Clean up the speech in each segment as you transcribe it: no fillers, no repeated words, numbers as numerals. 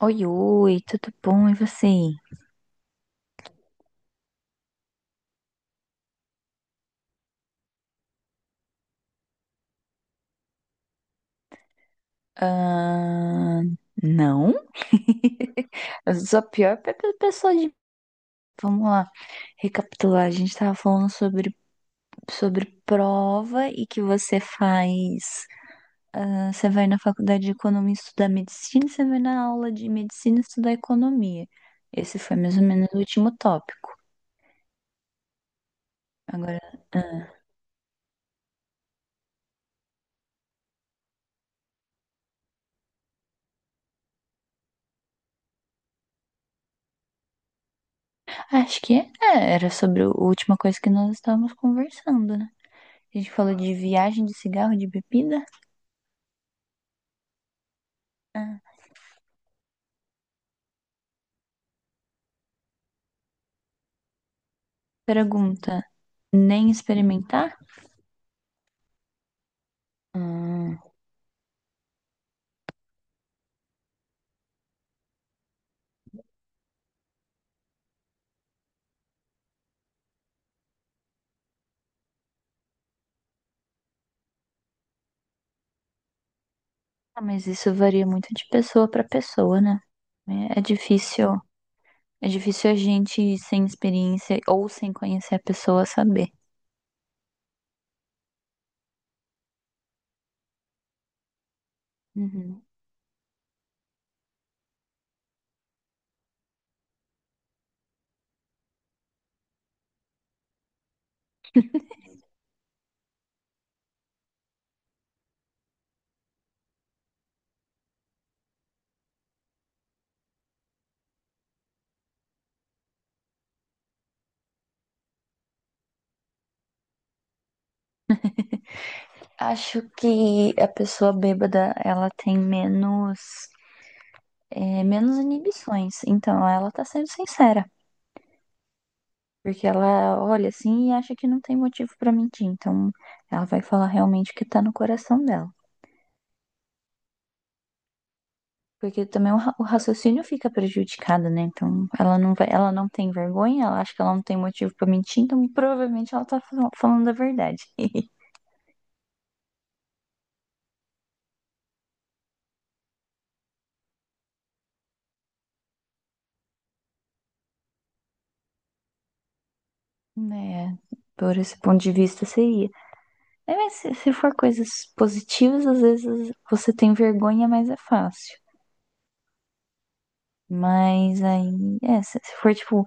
Oi, oi, tudo bom? E você? Ah, não? Eu sou a pior pessoa de. Vamos lá, recapitular. A gente tava falando sobre prova e que você faz. Você vai na faculdade de economia estudar medicina, e você vai na aula de medicina estudar economia. Esse foi mais ou menos o último tópico. Agora, ah, acho que era sobre a última coisa que nós estávamos conversando, né? A gente falou de viagem de cigarro, de bebida. Ah, Pergunta, nem experimentar? Hum, mas isso varia muito de pessoa para pessoa, né? É difícil, é difícil a gente sem experiência ou sem conhecer a pessoa saber. Uhum. Acho que a pessoa bêbada, ela tem menos inibições. Então, ela tá sendo sincera. Porque ela olha assim e acha que não tem motivo pra mentir. Então, ela vai falar realmente o que tá no coração dela. Porque também o raciocínio fica prejudicado, né? Então, ela não tem vergonha, ela acha que ela não tem motivo pra mentir, então provavelmente ela tá falando a verdade. Né, por esse ponto de vista seria. É, mas se for coisas positivas, às vezes você tem vergonha, mas é fácil. Mas aí, se for tipo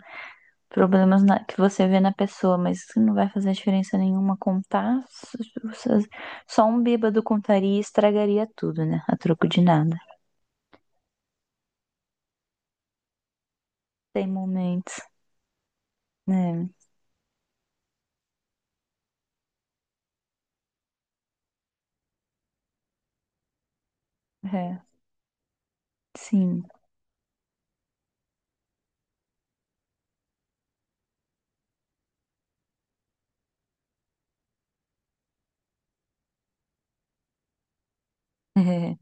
problemas que você vê na pessoa, mas que não vai fazer diferença nenhuma contar, s- só um bêbado contaria e estragaria tudo, né? A troco de nada. Tem momentos, né? É, sim. É.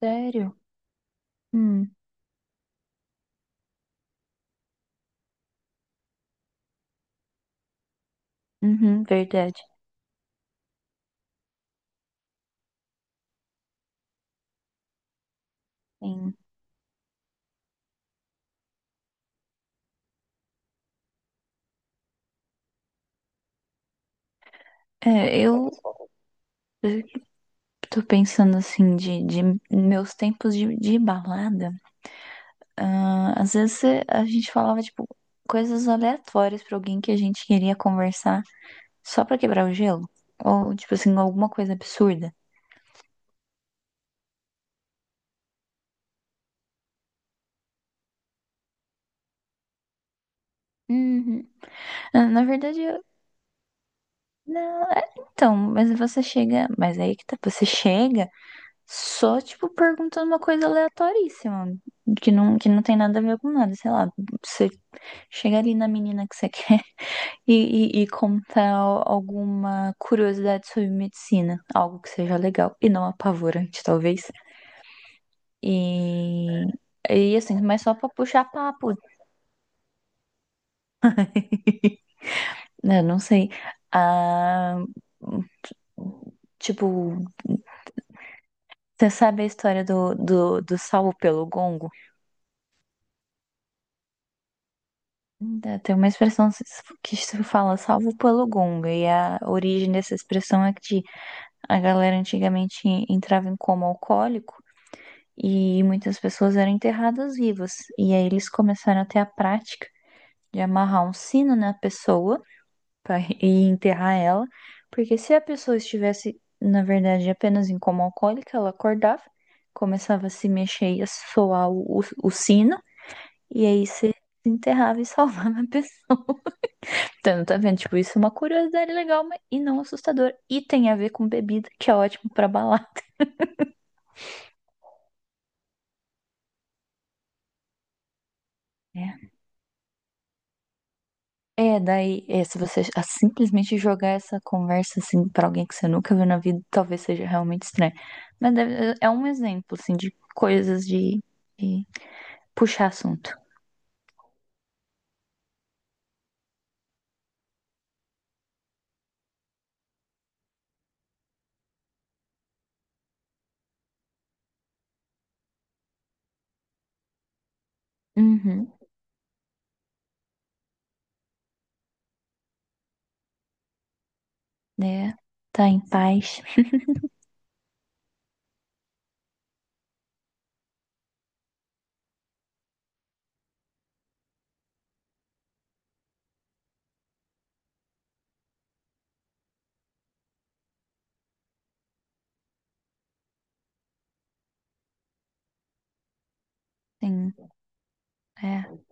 Sério? Hum, uhum, verdade. Sim. É, eu tô pensando assim, de meus tempos de balada. Às vezes a gente falava, tipo, coisas aleatórias pra alguém que a gente queria conversar só pra quebrar o gelo. Ou, tipo assim, alguma coisa absurda. Uhum. Na verdade, não, é, então, mas você chega. Mas aí que tá, você chega. Só, tipo, perguntando uma coisa aleatoríssima, que não tem nada a ver com nada, sei lá. Você chega ali na menina que você quer e contar alguma curiosidade sobre medicina, algo que seja legal e não apavorante, talvez. E, e assim, mas só pra puxar papo, né? Não sei. Ah, tipo, você sabe a história do salvo pelo gongo? Ainda tem uma expressão que se fala salvo pelo gongo, e a origem dessa expressão é que a galera antigamente entrava em coma alcoólico e muitas pessoas eram enterradas vivas. E aí eles começaram a ter a prática de amarrar um sino na pessoa para e enterrar ela, porque se a pessoa estivesse, na verdade, apenas em coma alcoólico, ela acordava, começava a se mexer e a soar o sino, e aí se enterrava e salvava a pessoa. Então, tá vendo? Tipo, isso é uma curiosidade legal mas e não assustador. E tem a ver com bebida, que é ótimo pra balar. Né? É, se você simplesmente jogar essa conversa assim pra alguém que você nunca viu na vida, talvez seja realmente estranho. Mas é um exemplo, assim, de puxar assunto. Uhum, né? Tá em paz. Sim, é,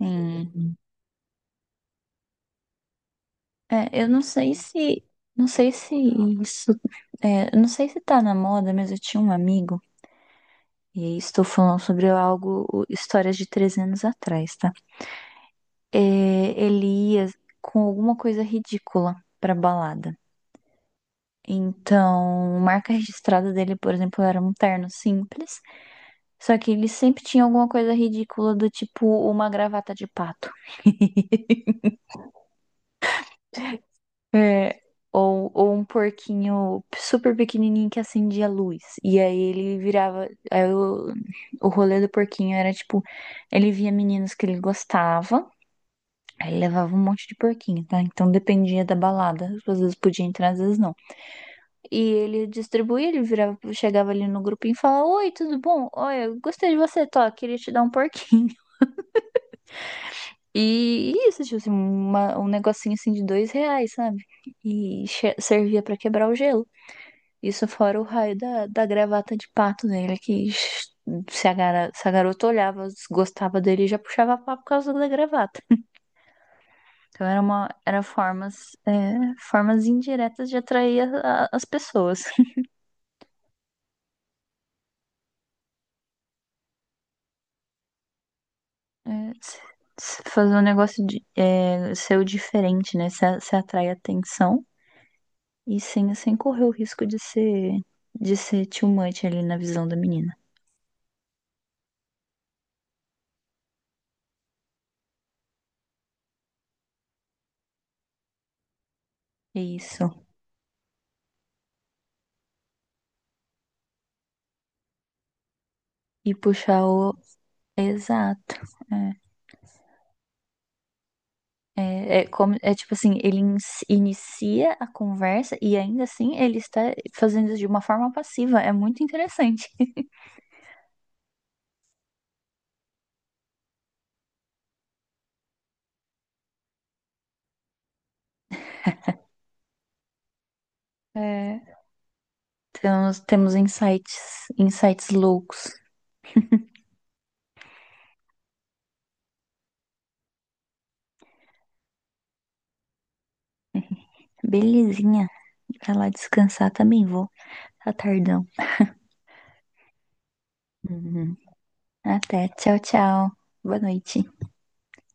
sim. É, eu não sei se, não sei se isso, é, eu não sei se tá na moda, mas eu tinha um amigo, e aí estou falando sobre algo, histórias de 300 anos atrás, tá? É, ele ia com alguma coisa ridícula pra balada. Então, marca registrada dele, por exemplo, era um terno simples. Só que ele sempre tinha alguma coisa ridícula do tipo uma gravata de pato. É, ou, um porquinho super pequenininho que acendia a luz. E aí ele virava. Aí o rolê do porquinho era tipo: ele via meninos que ele gostava, aí ele levava um monte de porquinho, tá? Então dependia da balada. Às vezes podia entrar, às vezes não. E ele distribuía, ele virava, chegava ali no grupinho e falava: Oi, tudo bom? Olha, eu gostei de você, tô, queria te dar um porquinho. E isso, tipo assim, um negocinho assim de dois reais, sabe? E servia pra quebrar o gelo. Isso fora o raio da gravata de pato dele, que se a, se a garota olhava, gostava dele, já puxava papo por causa da gravata. Então era era formas, formas indiretas de atrair as pessoas. É, se- se fazer um negócio seu diferente, né? Você atrai atenção e sem correr o risco de ser too much ali na visão da menina. É isso. E puxar o. Exato. É tipo assim, ele inicia a conversa e ainda assim ele está fazendo isso de uma forma passiva. É muito interessante. É, temos insights, insights loucos. Belezinha. Pra lá descansar também vou. Retardão. Uhum. Até. Tchau, tchau. Boa noite.